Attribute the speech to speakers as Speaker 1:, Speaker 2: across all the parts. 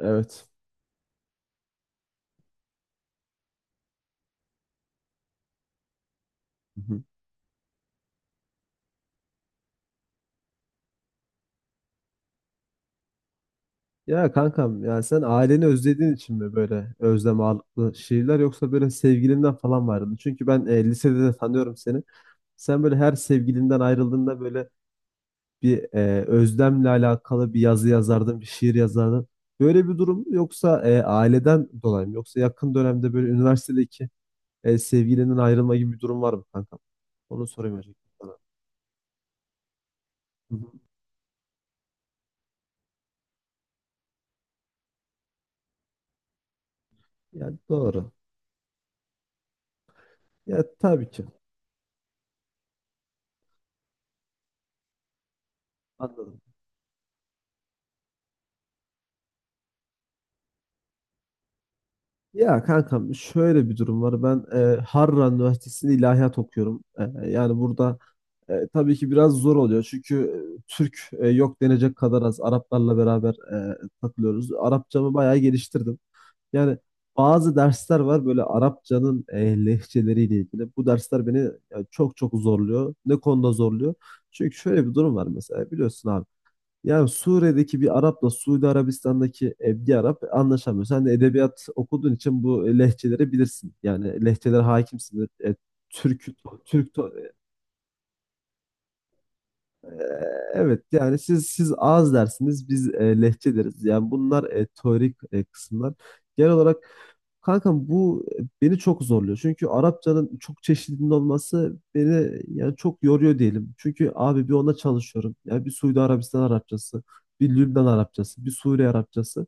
Speaker 1: Evet. Hı hı. Ya kankam ya sen aileni özlediğin için mi böyle özlem ağırlıklı şiirler yoksa böyle sevgilinden falan var mı? Çünkü ben lisede de tanıyorum seni. Sen böyle her sevgilinden ayrıldığında böyle bir özlemle alakalı bir yazı yazardın, bir şiir yazardın. Böyle bir durum yoksa aileden dolayı mı? Yoksa yakın dönemde böyle üniversitedeki sevgilinin ayrılma gibi bir durum var mı kankam? Onu sorayım hocam sana. Hı hı. Ya doğru. Ya tabii ki. Anladım. Ya kankam şöyle bir durum var. Ben Harran Üniversitesi'nde ilahiyat okuyorum. Yani burada tabii ki biraz zor oluyor. Çünkü Türk yok denecek kadar az. Araplarla beraber takılıyoruz. Arapçamı bayağı geliştirdim. Yani bazı dersler var böyle Arapçanın lehçeleriyle ilgili. Bu dersler beni çok çok zorluyor. Ne konuda zorluyor? Çünkü şöyle bir durum var mesela biliyorsun abi. Ya Suriye'deki bir Arap'la Suudi Arabistan'daki bir Arap anlaşamıyor. Sen de edebiyat okuduğun için bu lehçeleri bilirsin. Yani lehçelere hakimsindir. E, Türk, Türk ee, Evet, yani siz ağız dersiniz biz lehçe deriz. Yani bunlar teorik kısımlar. Genel olarak kankam bu beni çok zorluyor. Çünkü Arapçanın çok çeşitliliğinin olması beni yani çok yoruyor diyelim. Çünkü abi bir ona çalışıyorum. Yani bir Suudi Arabistan Arapçası, bir Lübnan Arapçası, bir Suriye Arapçası.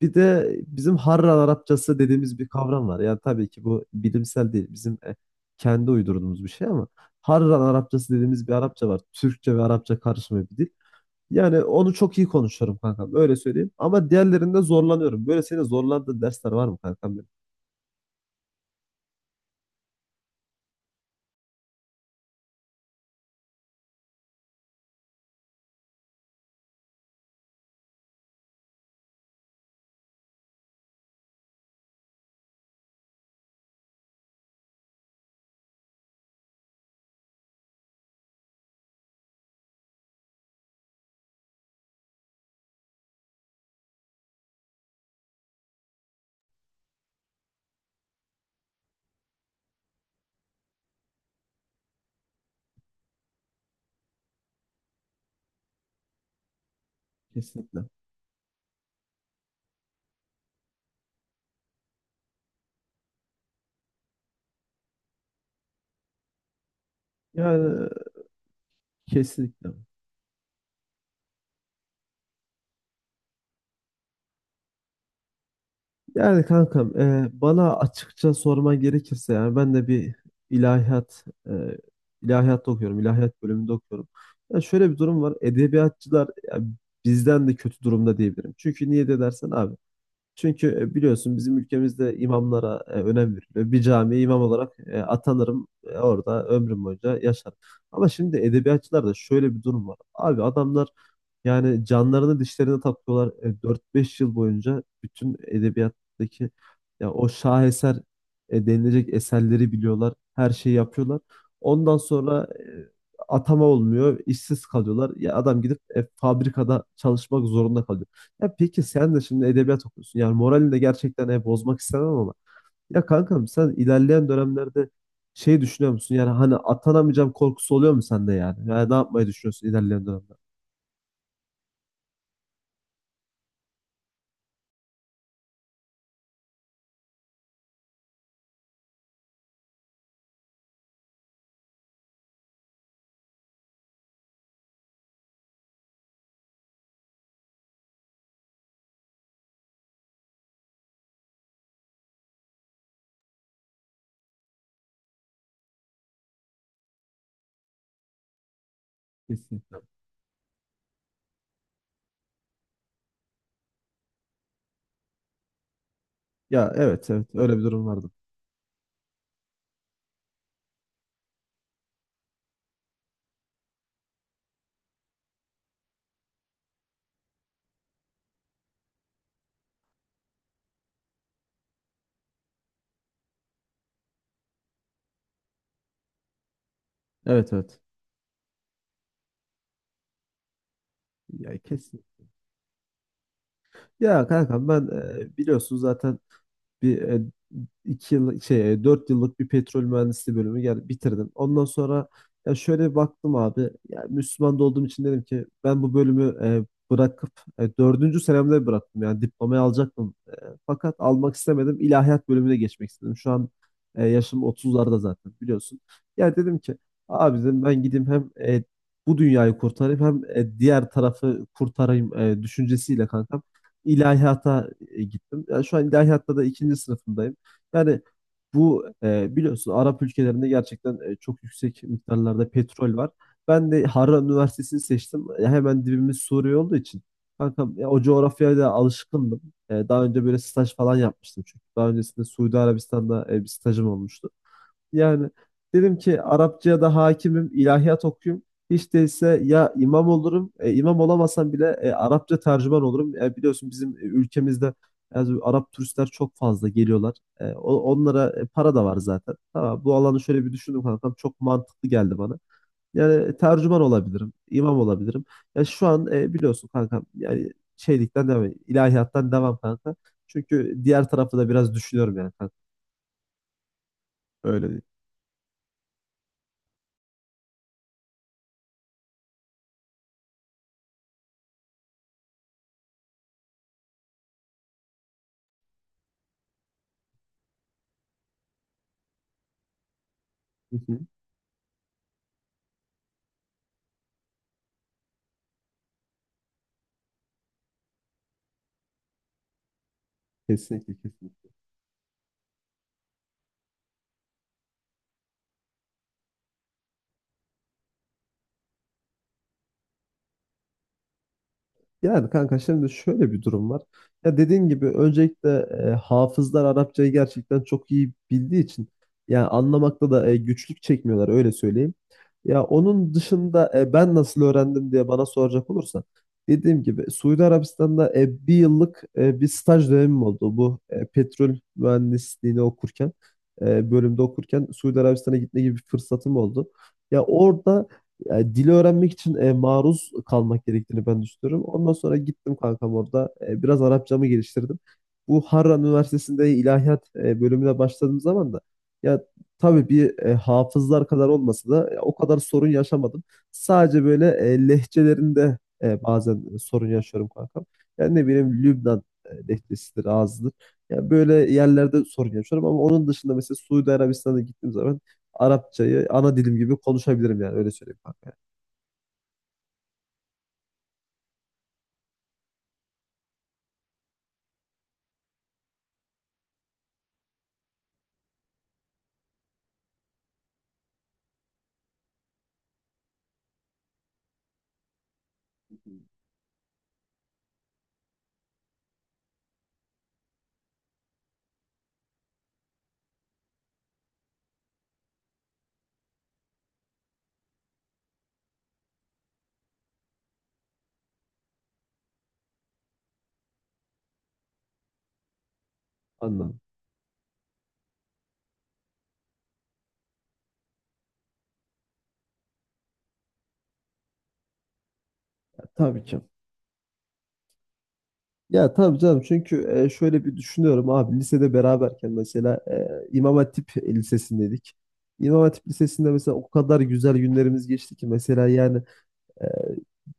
Speaker 1: Bir de bizim Harran Arapçası dediğimiz bir kavram var. Yani tabii ki bu bilimsel değil. Bizim kendi uydurduğumuz bir şey ama Harran Arapçası dediğimiz bir Arapça var. Türkçe ve Arapça karışımı bir dil. Yani onu çok iyi konuşuyorum kankam. Öyle söyleyeyim. Ama diğerlerinde zorlanıyorum. Böyle seni zorlandığın dersler var mı kankam benim? Kesinlikle. Yani kesinlikle. Yani kankam bana açıkça sorman gerekirse yani ben de bir ilahiyat e, ilahiyatta okuyorum. İlahiyat bölümünde okuyorum. Ya şöyle bir durum var. Edebiyatçılar ya, bizden de kötü durumda diyebilirim. Çünkü niye de dersen abi, çünkü biliyorsun bizim ülkemizde imamlara önem veriliyor. Bir camiye imam olarak atanırım. Orada ömrüm boyunca yaşarım. Ama şimdi edebiyatçılarda şöyle bir durum var. Abi adamlar yani canlarını dişlerine takıyorlar. 4-5 yıl boyunca bütün edebiyattaki ya o şaheser denilecek eserleri biliyorlar. Her şeyi yapıyorlar. Ondan sonra atama olmuyor. İşsiz kalıyorlar. Ya adam gidip fabrikada çalışmak zorunda kalıyor. Ya peki sen de şimdi edebiyat okuyorsun. Yani moralini de gerçekten bozmak istemem ama. Ya kankam sen ilerleyen dönemlerde şey düşünüyor musun? Yani hani atanamayacağım korkusu oluyor mu sende yani? Yani ne yapmayı düşünüyorsun ilerleyen dönemlerde? Kesinlikle. Ya, evet evet, öyle bir durum vardı. Evet evet. Ya kesin. Ya kankam ben biliyorsun zaten bir 2 yıl şey 4 yıllık bir petrol mühendisliği bölümü bitirdim. Ondan sonra ya şöyle bir baktım abi. Ya Müslüman da olduğum için dedim ki ben bu bölümü bırakıp dördüncü senemde bıraktım. Yani diplomayı alacaktım. Fakat almak istemedim. İlahiyat bölümüne geçmek istedim. Şu an yaşım 30'larda zaten biliyorsun. Ya dedim ki abi, dedim ben gideyim hem bu dünyayı kurtarayım hem diğer tarafı kurtarayım düşüncesiyle kankam ilahiyata gittim. Yani şu an ilahiyatta da ikinci sınıfındayım. Yani bu biliyorsun Arap ülkelerinde gerçekten çok yüksek miktarlarda petrol var. Ben de Harran Üniversitesi'ni seçtim. Hemen dibimiz Suriye olduğu için. Kankam ya o coğrafyaya da alışkındım. Daha önce böyle staj falan yapmıştım çünkü. Daha öncesinde Suudi Arabistan'da bir stajım olmuştu. Yani dedim ki Arapçaya da hakimim, ilahiyat okuyayım. Hiç değilse ya imam olurum, imam olamasam bile Arapça tercüman olurum. Biliyorsun bizim ülkemizde yani Arap turistler çok fazla geliyorlar. Onlara para da var zaten. Tamam, bu alanı şöyle bir düşündüm kankam. Çok mantıklı geldi bana. Yani tercüman olabilirim, imam olabilirim. Ya şu an biliyorsun kankam yani şeylikten devam, ilahiyattan devam kanka. Çünkü diğer tarafı da biraz düşünüyorum yani kanka. Öyle değil. Hı hı. Kesinlikle kesinlikle. Yani kanka şimdi şöyle bir durum var. Ya dediğin gibi öncelikle hafızlar Arapçayı gerçekten çok iyi bildiği için yani anlamakta da güçlük çekmiyorlar öyle söyleyeyim. Ya onun dışında ben nasıl öğrendim diye bana soracak olursan dediğim gibi Suudi Arabistan'da bir yıllık bir staj dönemim oldu. Bu petrol mühendisliğini okurken bölümde okurken Suudi Arabistan'a gitme gibi bir fırsatım oldu. Ya orada yani dili öğrenmek için maruz kalmak gerektiğini ben düşünüyorum. Ondan sonra gittim kankam orada. Biraz Arapçamı geliştirdim. Bu Harran Üniversitesi'nde ilahiyat bölümüne başladığım zaman da ya tabii bir hafızlar kadar olmasa da o kadar sorun yaşamadım. Sadece böyle lehçelerinde bazen sorun yaşıyorum kankam. Yani ne bileyim Lübnan lehçesidir, ağzıdır. Yani böyle yerlerde sorun yaşıyorum ama onun dışında mesela Suudi Arabistan'a gittiğim zaman Arapçayı ana dilim gibi konuşabilirim yani öyle söyleyeyim kanka. Anladım. Tabii ki. Ya tabii canım, çünkü şöyle bir düşünüyorum abi, lisede beraberken mesela İmam Hatip Lisesi'ndeydik. İmam Hatip Lisesi'nde mesela o kadar güzel günlerimiz geçti ki mesela yani, Ee,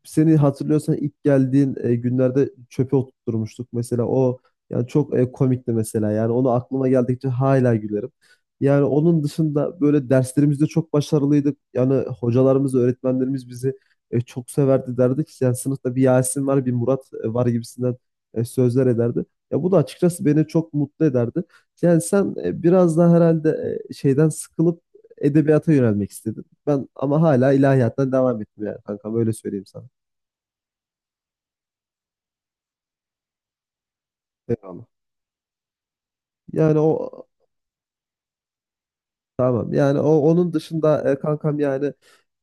Speaker 1: seni hatırlıyorsan ilk geldiğin günlerde çöpe oturtmuştuk mesela, o yani çok komikti mesela, yani onu aklıma geldikçe hala gülerim. Yani onun dışında böyle derslerimizde çok başarılıydık. Yani hocalarımız, öğretmenlerimiz bizi çok severdi, derdi ki yani sınıfta bir Yasin var, bir Murat var gibisinden sözler ederdi. Ya bu da açıkçası beni çok mutlu ederdi. Yani sen biraz daha herhalde şeyden sıkılıp edebiyata yönelmek istedin. Ben ama hala ilahiyattan devam ettim yani kankam, öyle söyleyeyim sana. Eyvallah. Yani o tamam, yani o onun dışında kankam yani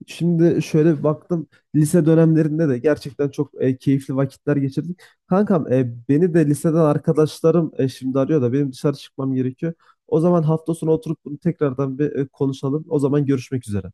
Speaker 1: şimdi şöyle bir baktım lise dönemlerinde de gerçekten çok keyifli vakitler geçirdik. Kankam beni de liseden arkadaşlarım şimdi arıyor da benim dışarı çıkmam gerekiyor. O zaman hafta sonu oturup bunu tekrardan bir konuşalım. O zaman görüşmek üzere.